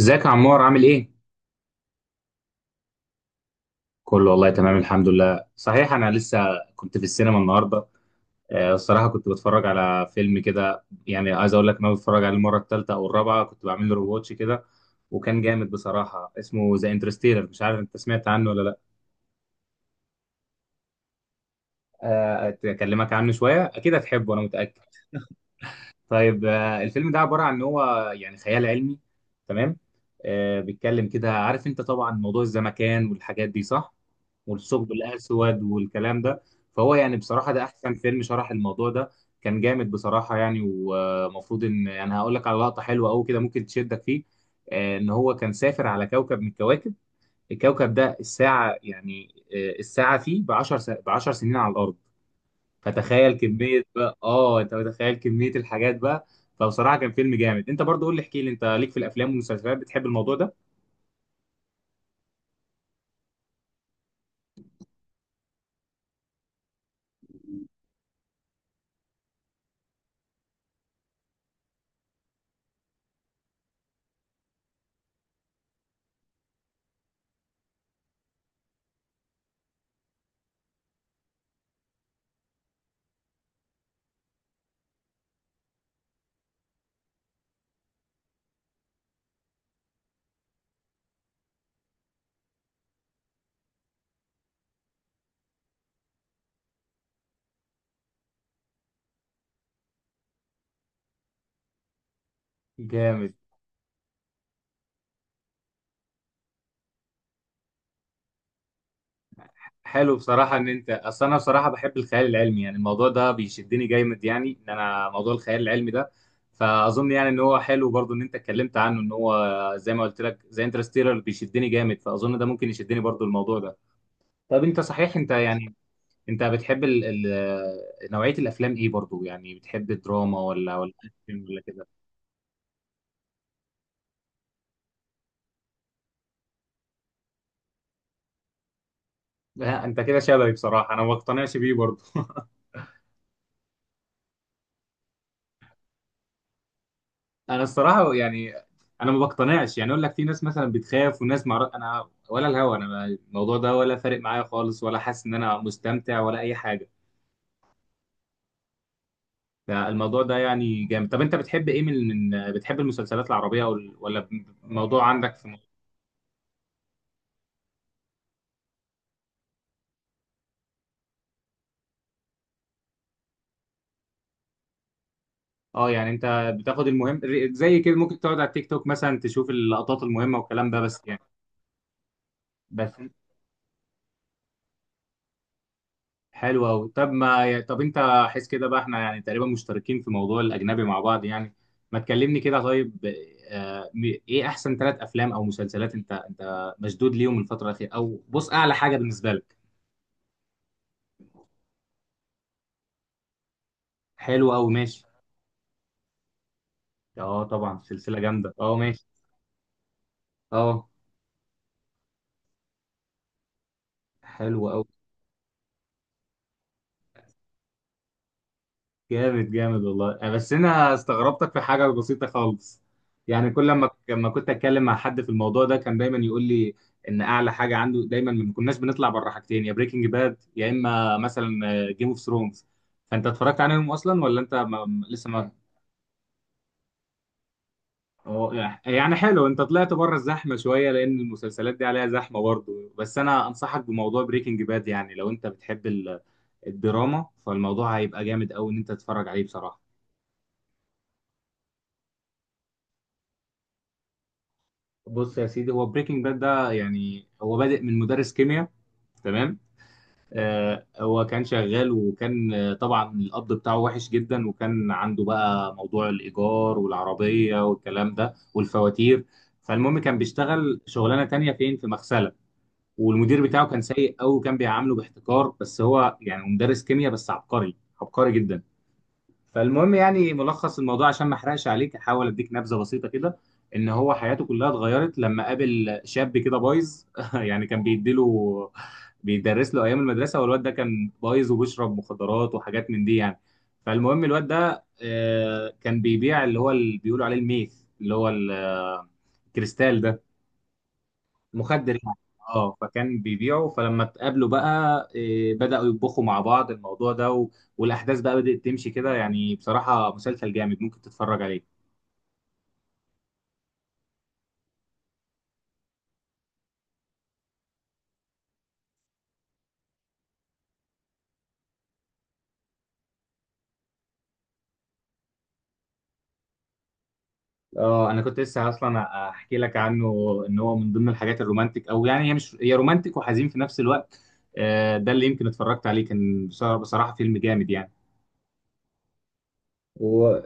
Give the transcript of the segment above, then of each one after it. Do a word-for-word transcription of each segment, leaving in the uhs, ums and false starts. ازيك يا عمار عامل ايه؟ كله والله تمام الحمد لله. صحيح، انا لسه كنت في السينما النهارده. آه، الصراحه كنت بتفرج على فيلم كده، يعني عايز اقول لك إن انا بتفرج عليه المره الثالثه او الرابعه، كنت بعمل له رواتش كده. وكان جامد بصراحه، اسمه ذا انترستيلر. مش عارف انت سمعت عنه ولا لا. آه، اكلمك عنه شويه، اكيد هتحبه انا متاكد. طيب. آه، الفيلم ده عبارة عن ان هو يعني خيال علمي. تمام. آه بيتكلم كده، عارف انت طبعا موضوع الزمكان والحاجات دي، صح. والثقب الاسود والكلام ده. فهو يعني بصراحة ده احسن فيلم شرح الموضوع ده. كان جامد بصراحة يعني. ومفروض ان انا هقول لك على لقطة حلوة قوي كده ممكن تشدك فيه. آه ان هو كان سافر على كوكب من الكواكب. الكوكب ده الساعة يعني، آه الساعة فيه ب عشر ب عشر سنين على الارض. فتخيل كمية بقى، اه انت متخيل كمية الحاجات بقى. فبصراحة كان فيلم جامد. انت برضو قول لي احكي لي، انت ليك في الافلام والمسلسلات، بتحب الموضوع ده؟ جامد. حلو بصراحة ان انت... اصل انا بصراحة بحب الخيال العلمي يعني، الموضوع ده بيشدني جامد يعني، ان انا موضوع الخيال العلمي ده. فاظن يعني ان هو حلو برضو ان انت اتكلمت عنه. ان هو زي ما قلت لك، زي انترستيلر بيشدني جامد، فاظن ده ممكن يشدني برضو الموضوع ده. طب انت صحيح انت يعني، انت بتحب ال ال نوعية الافلام ايه برضو يعني؟ بتحب الدراما ولا ولا أكشن ولا كده؟ لا، انت كده شبهي بصراحه، انا ما بقتنعش بيه برضه. انا الصراحه يعني، انا ما بقتنعش، يعني اقول لك في ناس مثلا بتخاف وناس مع... انا ولا الهوا، انا ما- الموضوع ده ولا فارق معايا خالص، ولا حاسس ان انا مستمتع ولا اي حاجه. لا، الموضوع ده يعني جامد. طب انت بتحب ايه، من من بتحب المسلسلات العربيه وال- ولا الموضوع عندك في... اه يعني انت بتاخد المهم، زي كده ممكن تقعد على التيك توك مثلا تشوف اللقطات المهمه والكلام ده بس يعني، بس. حلو قوي. طب ما طب انت حس كده بقى، احنا يعني تقريبا مشتركين في موضوع الاجنبي مع بعض يعني، ما تكلمني كده طيب. آه، م- ايه احسن ثلاث افلام او مسلسلات انت انت مشدود ليهم الفتره الاخيره، او بص اعلى حاجه بالنسبه لك؟ حلو قوي، ماشي. اه طبعا سلسله جامده، اه ماشي. اه، حلو قوي. جامد جامد والله. آه، بس انا استغربتك في حاجه بسيطه خالص. يعني كل لما لما كنت اتكلم مع حد في الموضوع ده كان دايما يقول لي ان اعلى حاجه عنده دايما، ما كناش بنطلع بره حاجتين: يا بريكنج باد، يا اما مثلا جيم اوف ثرونز. فانت اتفرجت عليهم اصلا ولا انت ما لسه ما... هو- يعني يعني حلو، انت طلعت بره الزحمه شويه لان المسلسلات دي عليها زحمه برضه، بس انا انصحك بموضوع بريكنج باد يعني لو انت بتحب ال- الدراما، فالموضوع هيبقى جامد قوي ان انت تتفرج عليه بصراحه. بص يا سيدي، هو بريكنج باد ده يعني هو بادئ من مدرس كيمياء. تمام. آه هو كان شغال، وكان آه، طبعا القبض بتاعه وحش جدا، وكان عنده بقى موضوع الإيجار والعربية والكلام ده والفواتير. فالمهم كان بيشتغل شغلانة تانية فين، في مغسلة. والمدير بتاعه كان سيء أوي وكان بيعامله باحتقار، بس هو يعني مدرس كيمياء بس عبقري، عبقري جدا. فالمهم يعني ملخص الموضوع، عشان ما احرقش عليك احاول اديك نبذه بسيطه كده. ان هو حياته كلها اتغيرت لما قابل شاب كده بايظ. يعني كان بيديله بيدرس له ايام المدرسه، والواد ده كان بايظ وبيشرب مخدرات وحاجات من دي يعني. فالمهم الواد ده آه، كان بيبيع اللي هو اللي بيقولوا عليه الميث، اللي هو ال- الكريستال ده، مخدر يعني. اه فكان بيبيعه. فلما اتقابلوا بقى إيه، بدأوا يطبخوا مع بعض الموضوع ده و... والأحداث بقى بدأت تمشي كده يعني. بصراحة مسلسل جامد ممكن تتفرج عليه. اه انا كنت لسه اصلا احكي لك عنه، ان هو من ضمن الحاجات الرومانتك، او يعني هي مش، هي رومانتك وحزين في نفس الوقت. آه، ده اللي يمكن اتفرجت عليه، كان بصراحة بصراحة فيلم جامد يعني. وبص.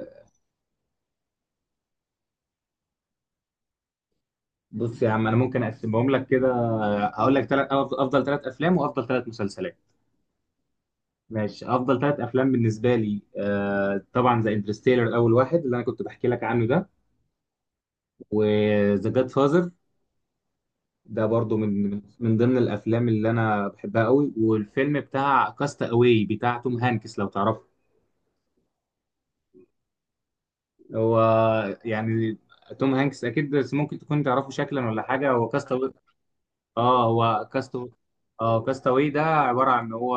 يا عم انا ممكن اقسمهم لك كده، آه، هقول لك تلات افضل ثلاث افلام وافضل ثلاث مسلسلات. ماشي. افضل ثلاث افلام بالنسبه لي، آه طبعا ذا انترستيلر اول واحد، اللي انا كنت بحكي لك عنه ده. وذا جاد فازر، ده برضو من من ضمن الافلام اللي انا بحبها قوي. والفيلم بتاع كاست اواي بتاع توم هانكس، لو تعرفه. هو يعني توم هانكس اكيد، بس ممكن تكون تعرفه شكلا ولا حاجه، هو كاست. اه هو كاست. اه كاست اواي ده عباره عن ان هو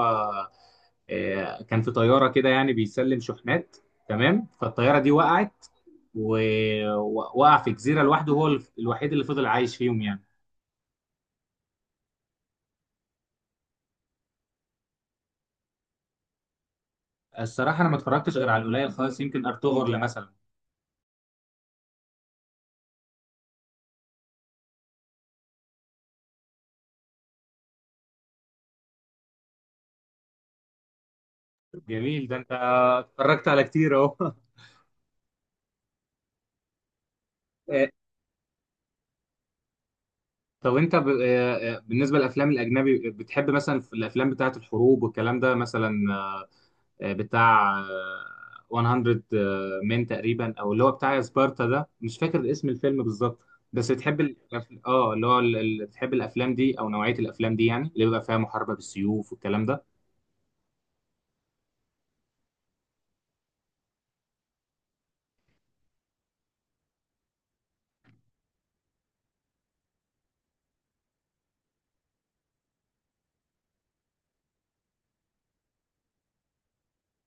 آه، كان في طياره كده يعني بيسلم شحنات. تمام. فالطياره دي وقعت، ووقع في جزيره لوحده، هو الف- الوحيد اللي فضل عايش فيهم يعني. الصراحه انا ما اتفرجتش غير على القليل خالص، يمكن ارطغرل مثلا. جميل، ده انت اتفرجت على كتير اهو. آه، طب انت ب... آه، آه، بالنسبه للافلام الاجنبي، بتحب مثلا في الافلام بتاعه الحروب والكلام ده مثلا، آه، آه، بتاع آه، مية مين تقريبا، او اللي هو بتاع سبارتا ده، مش فاكر اسم الفيلم بالظبط. بس بتحب الأف- اه اللي هو ال- ال- بتحب الافلام دي او نوعيه الافلام دي يعني اللي بيبقى فيها محاربه بالسيوف والكلام ده.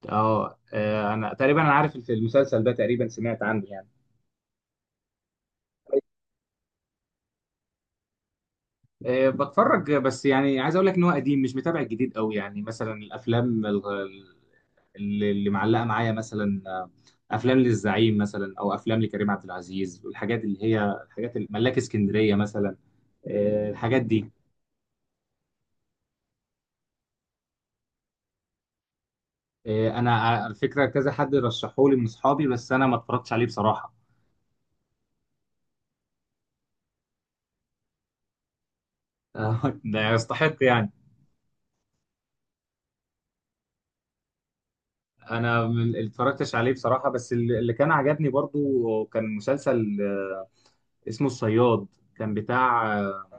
اه آه، انا تقريبا انا عارف الف- المسلسل ده تقريبا، سمعت عنه يعني. آه، بتفرج، بس يعني عايز اقول لك ان هو قديم، مش متابع الجديد قوي يعني. مثلا الافلام ال- اللي اللي معلقه معايا مثلا، آه، افلام للزعيم مثلا، او افلام لكريم عبد العزيز والحاجات اللي هي الحاجات اللي- ملاك اسكندريه مثلا، آه، الحاجات دي. آه، انا ع- على فكره كذا حد رشحولي من اصحابي، بس انا ما اتفرجتش عليه بصراحه. آه، ده يستحق يعني. انا ما اتفرجتش عليه بصراحه، بس اللي اللي كان عجبني برضو كان مسلسل آه، اسمه الصياد. كان بتاع آه،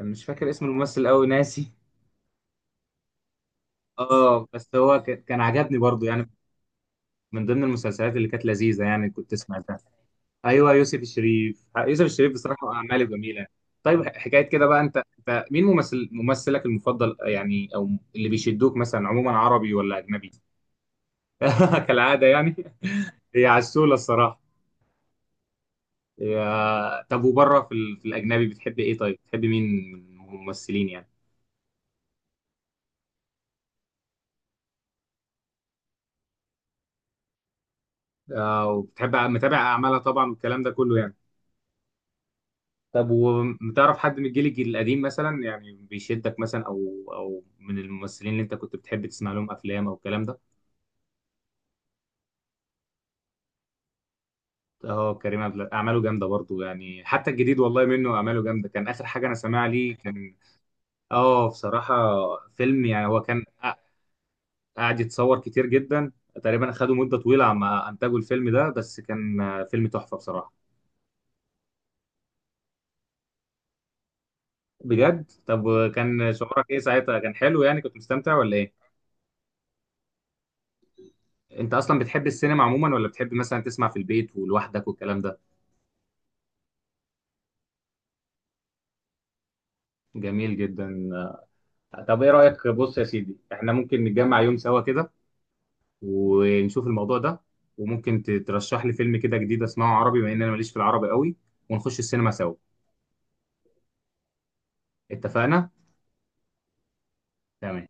مش فاكر اسم الممثل قوي، ناسي. اه بس هو ك- كان عجبني برضو يعني، من ضمن المسلسلات اللي كانت لذيذه يعني، كنت سمعتها. ايوه يوسف الشريف، يوسف الشريف بصراحه اعماله جميله. طيب ح- حكايه كده بقى، انت انت مين ممثل، ممثلك المفضل يعني، او اللي بيشدوك مثلا عموما، عربي ولا اجنبي؟ كالعاده يعني. هي عسوله الصراحه. يا... طب وبره في، ال... في الاجنبي بتحب ايه طيب، بتحب مين من الممثلين يعني؟ آه وبتحب متابع اعمالها طبعا والكلام ده كله يعني. طب وبتعرف حد من الجيل الجيل القديم مثلا، يعني بيشدك مثلا، او او من الممثلين اللي انت كنت بتحب تسمع لهم افلام او الكلام ده؟ اه كريم عبد الع- اعماله جامده برضو يعني، حتى الجديد والله منه اعماله جامده. كان اخر حاجه انا سامعها ليه كان... اه بصراحه فيلم، يعني هو كان قع- قاعد يتصور كتير جدا. تقريبا خدوا مده طويله عما انتجوا الفيلم ده، بس كان آه، فيلم تحفه بصراحه. بجد؟ طب كان شعورك ايه ساعتها، كان حلو يعني، كنت مستمتع ولا ايه؟ انت اصلا بتحب السينما عموما، ولا بتحب مثلا تسمع في البيت ولوحدك والكلام ده؟ جميل جدا. طب ايه رايك، بص يا سيدي، احنا ممكن نتجمع يوم سوا كده ونشوف الموضوع ده، وممكن ت- ترشح لي فيلم كده جديد اسمعه عربي، بما ان انا ماليش في العربي قوي، ونخش السينما سوا. اتفقنا. تمام.